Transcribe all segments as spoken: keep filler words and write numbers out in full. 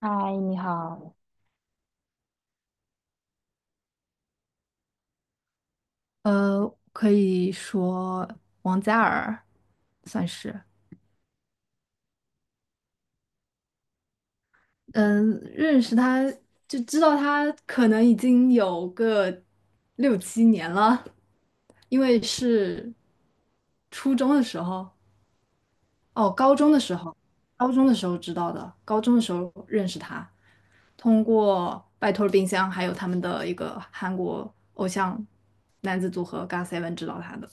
嗨，你好。呃，可以说王嘉尔算是，嗯，认识他就知道他可能已经有个六七年了，因为是初中的时候，哦，高中的时候，高中的时候知道的，高中的时候认识他，通过拜托了冰箱，还有他们的一个韩国偶像男子组合 G O T 七 知道他的。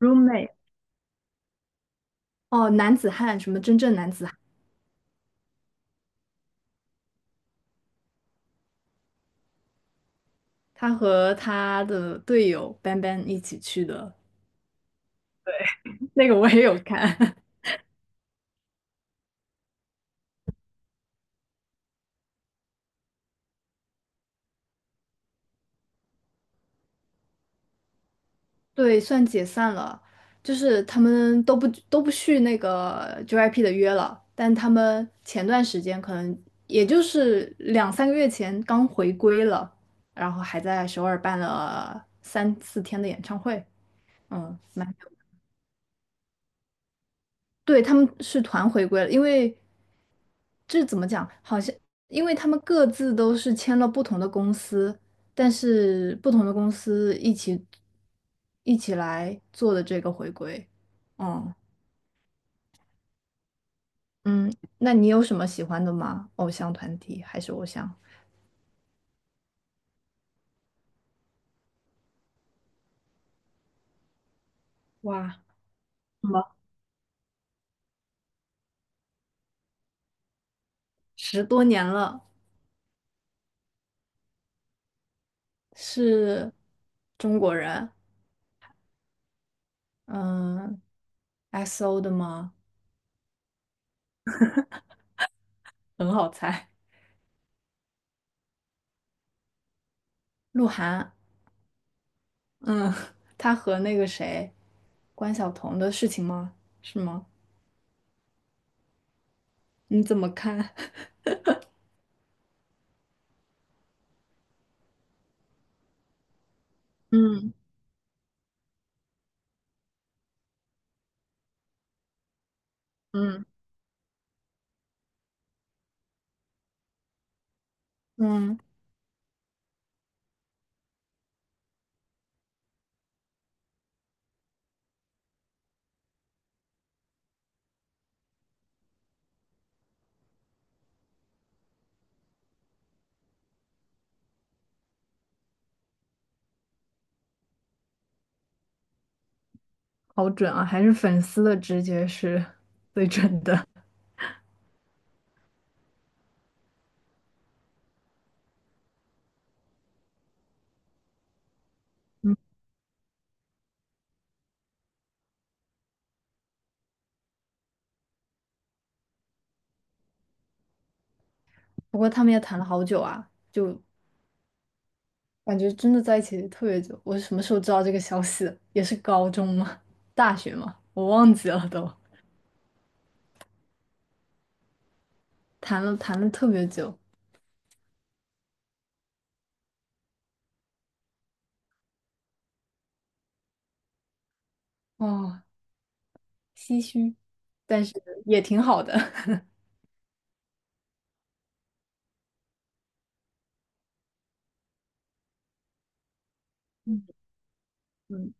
roommate。哦，男子汉，什么真正男子汉，他和他的队友班班一起去的，那个我也有看。对，算解散了，就是他们都不都不续那个 J Y P 的约了，但他们前段时间可能也就是两三个月前刚回归了，然后还在首尔办了三四天的演唱会，嗯，蛮，对，他们是团回归了。因为。这怎么讲？好像因为他们各自都是签了不同的公司，但是不同的公司一起一起来做的这个回归。嗯嗯，那你有什么喜欢的吗？偶像团体还是偶像？哇，十多年了，是中国人，嗯，X O 的吗？很好猜。鹿晗，嗯，他和那个谁，关晓彤的事情吗？是吗？你怎么看？嗯。嗯嗯，好准啊，还是粉丝的直觉是 最准的。不过他们也谈了好久啊，就感觉真的在一起特别久。我是什么时候知道这个消息的？也是高中吗？大学吗？我忘记了都。谈了谈了特别久，哦，唏嘘，但是也挺好的。嗯，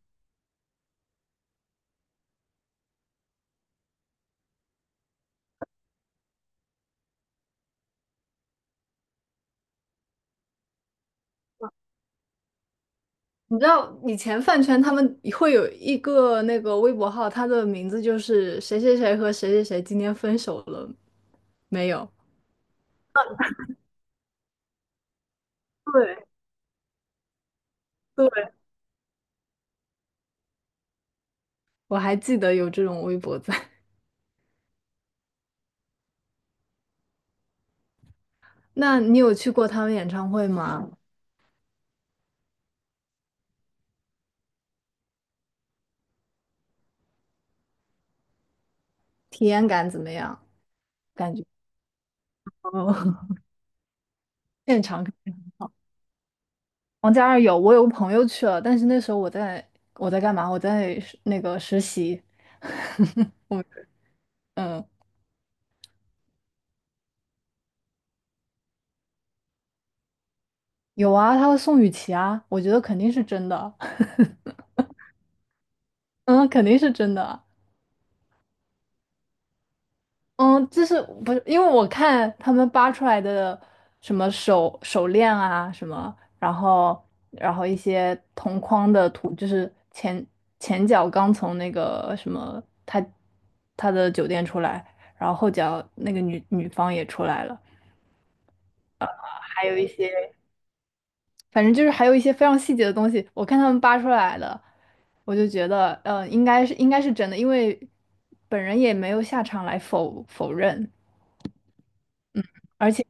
你知道以前饭圈他们会有一个那个微博号，他的名字就是谁谁谁和谁谁谁今天分手了没有？对。我还记得有这种微博在。那你有去过他们演唱会吗？体验感怎么样？感觉哦，现场王嘉尔有，我有个朋友去了，但是那时候我在我在干嘛？我在实那个实习。我嗯，有啊，他和宋雨琦啊，我觉得肯定是真的，嗯，肯定是真的。嗯，就是不是因为我看他们扒出来的什么手手链啊什么，然后然后一些同框的图，就是前前脚刚从那个什么他他的酒店出来，然后后脚那个女女方也出来了，还有一些 反正就是还有一些非常细节的东西，我看他们扒出来的，我就觉得呃应该是应该是真的，因为本人也没有下场来否否认。而且。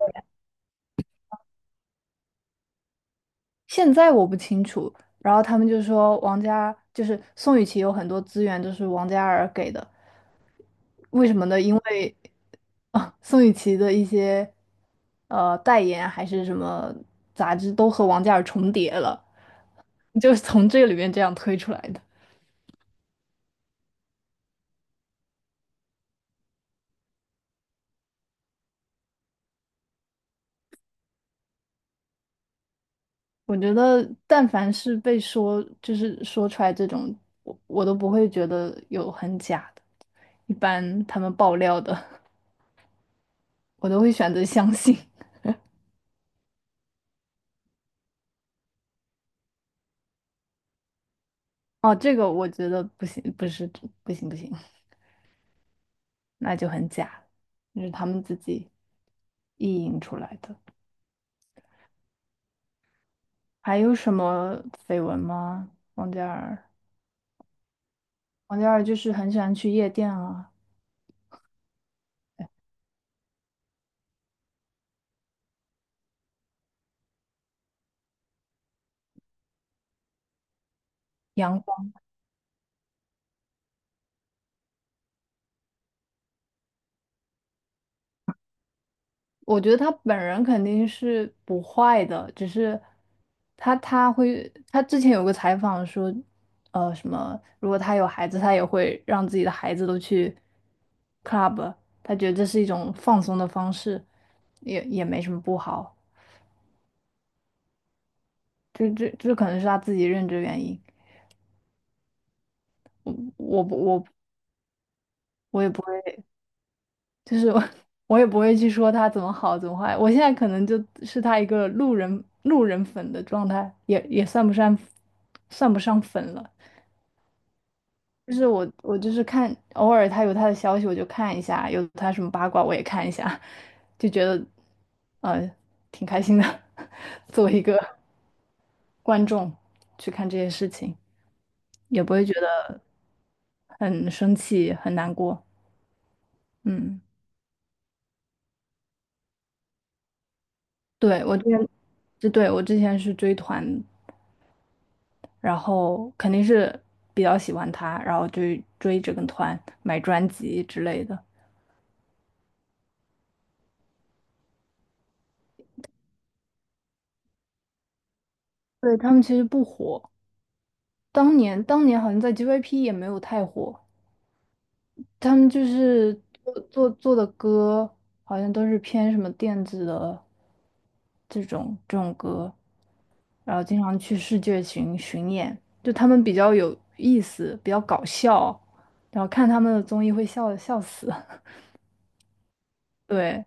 现在我不清楚。然后他们就说王嘉就是宋雨琦有很多资源都是王嘉尔给的，为什么呢？因为啊，宋雨琦的一些呃代言啊还是什么杂志都和王嘉尔重叠了，就是从这个里面这样推出来的。我觉得，但凡是被说就是说出来这种，我我都不会觉得有很假的。一般他们爆料的，我都会选择相信。哦，这个我觉得不行，不是，不行不行，那就很假，这是他们自己意淫出来的。还有什么绯闻吗？王嘉尔，王嘉尔就是很喜欢去夜店啊。阳我觉得他本人肯定是不坏的，只是他他会他之前有个采访说，呃，什么如果他有孩子，他也会让自己的孩子都去 club，他觉得这是一种放松的方式，也也没什么不好，这这这可能是他自己认知原因。我我不我。也不就是我我也不会去说他怎么好怎么坏，我现在可能就是他一个路人路人粉的状态，也也算不上算不上粉了。就是我我就是看偶尔他有他的消息我就看一下，有他什么八卦我也看一下，就觉得呃挺开心的，作为一个观众去看这些事情，也不会觉得很生气很难过。嗯，对，我之前，是对，我之前是追团，然后肯定是比较喜欢他，然后就追这个团买专辑之类的。对，他们其实不火，当年当年好像在 J Y P 也没有太火，他们就是做做做的歌好像都是偏什么电子的这种这种歌，然后经常去世界巡巡演，就他们比较有意思，比较搞笑，然后看他们的综艺会笑笑死。对，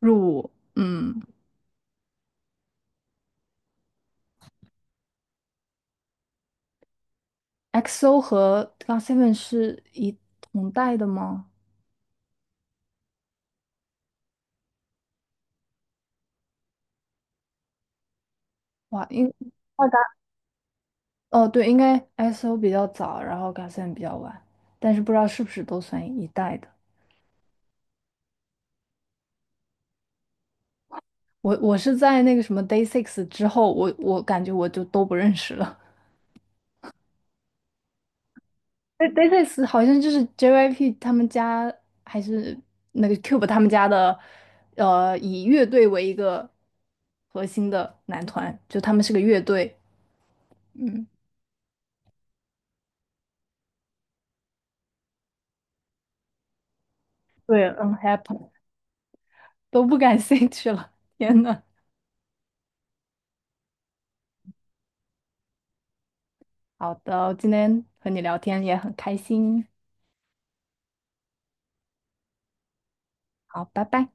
入伍，嗯。X O 和 G O T 七 是一同代的吗？哇，应二代哦，对，应该 X O 比较早，然后 G O T 七 比较晚，但是不知道是不是都算一代的。我我是在那个什么 Day Six 之后，我我感觉我就都不认识了。对 Day Six 好像就是 J Y P 他们家还是那个 Cube 他们家的，呃，以乐队为一个核心的男团，就他们是个乐队。嗯，对，Unhappy。都不感兴趣了。天呐，好的，今天和你聊天也很开心。好，拜拜。